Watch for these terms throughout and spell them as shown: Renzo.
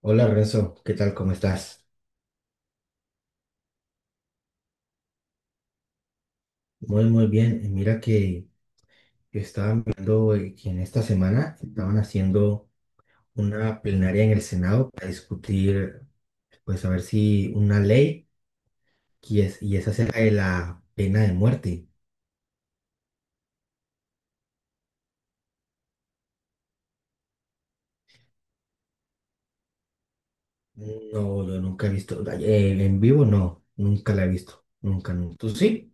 Hola, Renzo, ¿qué tal? ¿Cómo estás? Muy, muy bien. Y mira que yo estaba viendo que en esta semana estaban haciendo una plenaria en el Senado para discutir, pues a ver si una ley que es, y es acerca de la pena de muerte. No, yo nunca he visto, en vivo no, nunca la he visto, nunca, nunca. ¿Tú sí?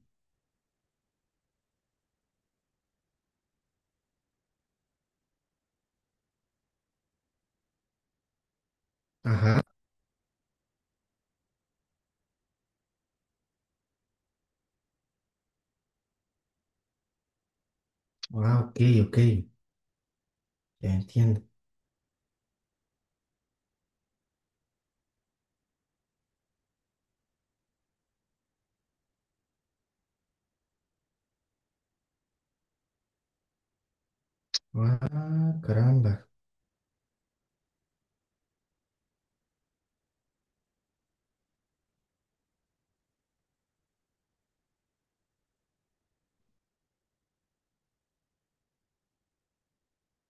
Ajá. Ah, ok, ok, ya entiendo. Ah, caramba.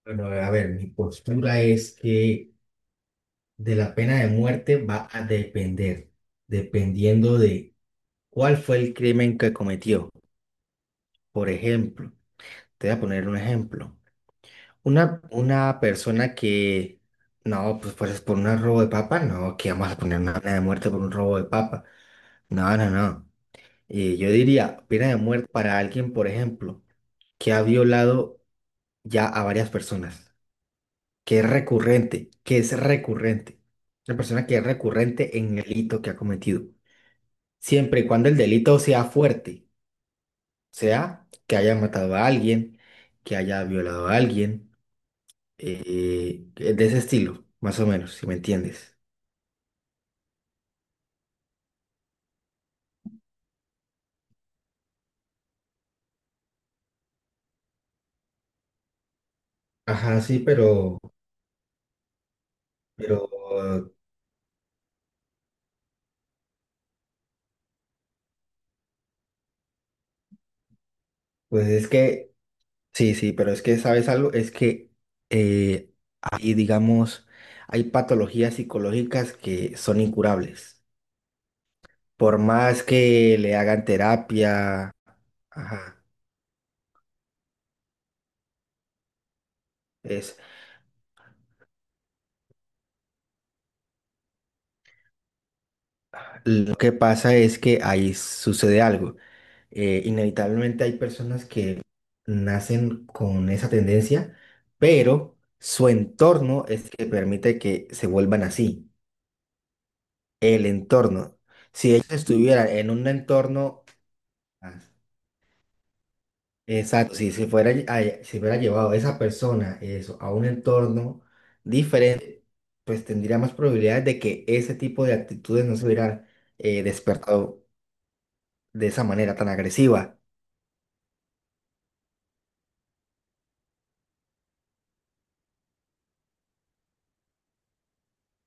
Bueno, a ver, mi postura es que de la pena de muerte va a depender, dependiendo de cuál fue el crimen que cometió. Por ejemplo, te voy a poner un ejemplo. Una persona que, no, pues por un robo de papa, no, que vamos a poner una pena de muerte por un robo de papa. No, no, no. Y yo diría pena de muerte para alguien, por ejemplo, que ha violado ya a varias personas, que es recurrente, que es recurrente. Una persona que es recurrente en el delito que ha cometido, siempre y cuando el delito sea fuerte, o sea, que haya matado a alguien, que haya violado a alguien, de ese estilo, más o menos, si me entiendes. Ajá, sí, pero, pues es que, sí, sí, pero es que, ¿sabes algo? Es que eh, hay, digamos, hay patologías psicológicas que son incurables. Por más que le hagan terapia, ajá, es, lo que pasa es que ahí sucede algo. Inevitablemente hay personas que nacen con esa tendencia, pero su entorno es que permite que se vuelvan así. El entorno. Si ellos estuvieran en un entorno, ah, exacto, si se fuera, lle- a- si hubiera llevado esa persona eso, a un entorno diferente, pues tendría más probabilidades de que ese tipo de actitudes no se hubieran despertado de esa manera tan agresiva.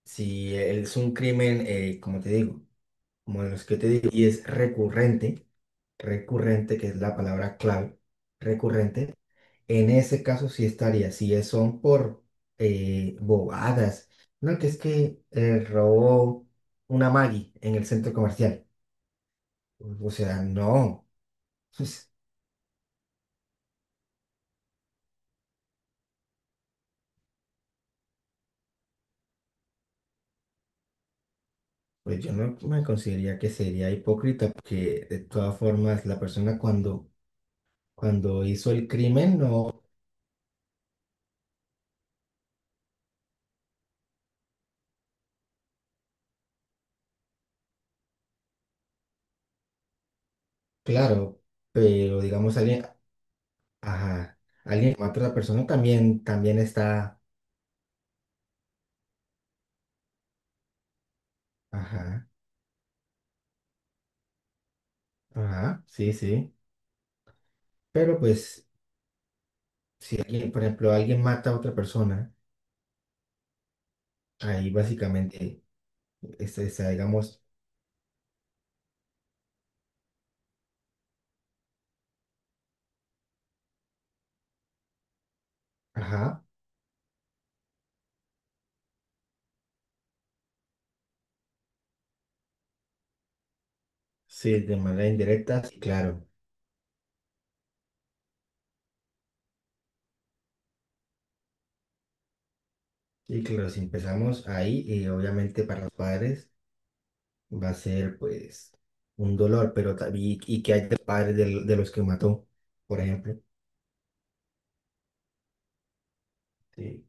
Si es un crimen, como te digo. Bueno, es que te digo, y es recurrente, recurrente, que es la palabra clave, recurrente. En ese caso sí estaría, si es- son por bobadas, no, que es que robó una Maggie en el centro comercial. O sea, no, pues, pues yo no me consideraría que sería hipócrita, porque de todas formas la persona cuando, cuando hizo el crimen, no, claro, pero digamos alguien, ajá. Alguien que mata a otra persona también, también está. Ajá. Ajá. Sí, sí. Pero pues, si alguien, por ejemplo, alguien mata a otra persona, ahí básicamente digamos, ajá. Sí, de manera indirecta, sí, claro. Y claro, si empezamos ahí, y obviamente para los padres va a ser pues un dolor, pero también, y que hay de padres los que mató, por ejemplo. Sí.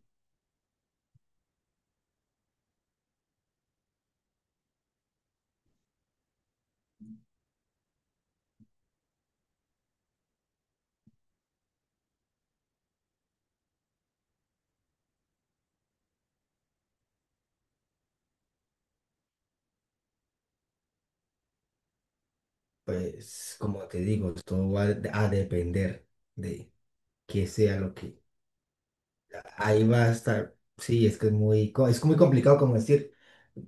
Pues, como te digo, todo va a depender que sea lo que ahí va a estar. Sí, es que es muy, es muy complicado como decir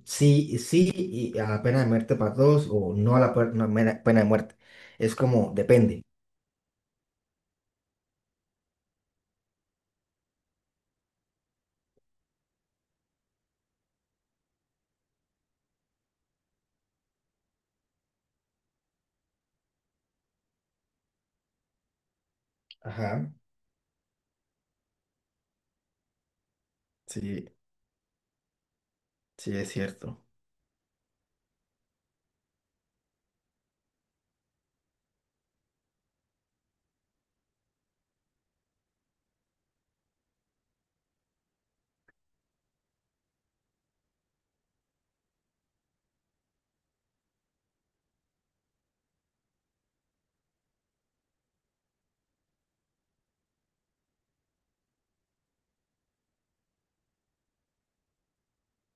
sí, sí y a la pena de muerte para todos o no a la puer- no, mera- pena de muerte. Es como depende. Ajá, sí, sí es cierto.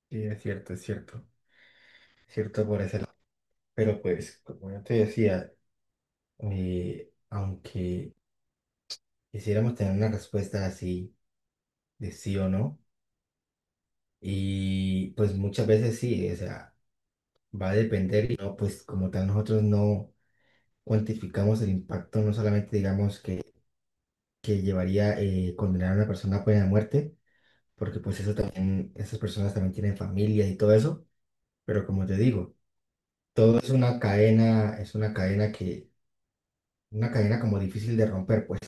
Sí, es cierto, es cierto. Cierto por ese lado. Pero pues, como yo te decía, aunque quisiéramos tener una respuesta así de sí o no, y pues muchas veces sí, o sea, va a depender y no, pues como tal nosotros no cuantificamos el impacto, no solamente digamos que llevaría condenar a una persona pues, a muerte, porque pues eso también, esas personas también tienen familias y todo eso, pero como te digo, todo es una cadena que, una cadena como difícil de romper, pues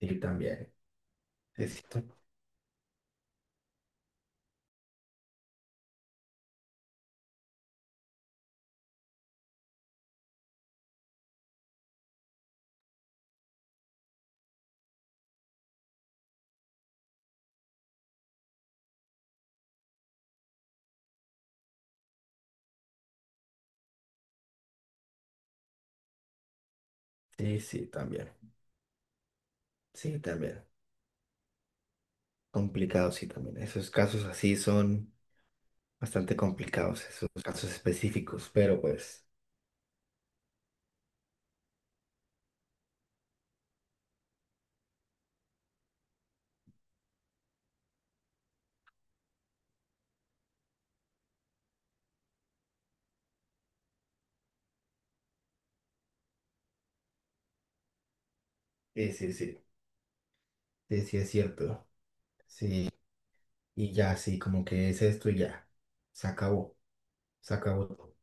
sí, también. Sí, sí, sí, sí, también. Sí, también. Complicado, sí, también. Esos casos así son bastante complicados, esos casos específicos, pero pues, sí, sí, sí, sí, sí, es cierto. Sí. Y ya, sí, como que es esto y ya. Se acabó, se acabó todo.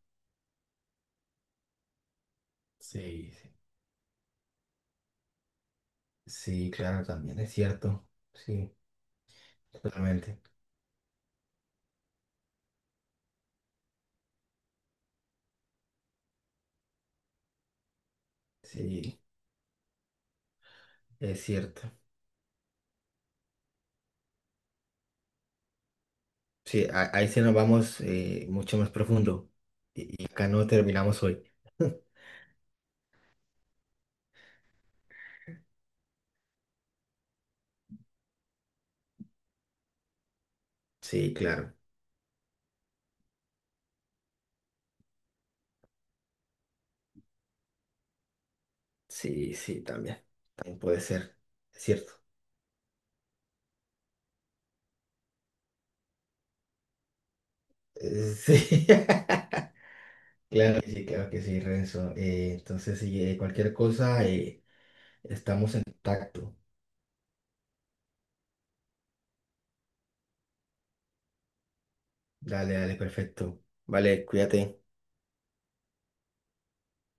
Sí, sí. Sí, claro, también es cierto. Sí, totalmente. Sí, es cierto. Sí, ahí sí nos vamos mucho más profundo. Y acá no terminamos hoy. Sí, claro. Sí, sí, también. También puede ser. Es cierto. Sí. Claro que sí, Renzo. Entonces, si cualquier cosa, estamos en contacto. Dale, dale, perfecto. Vale, cuídate.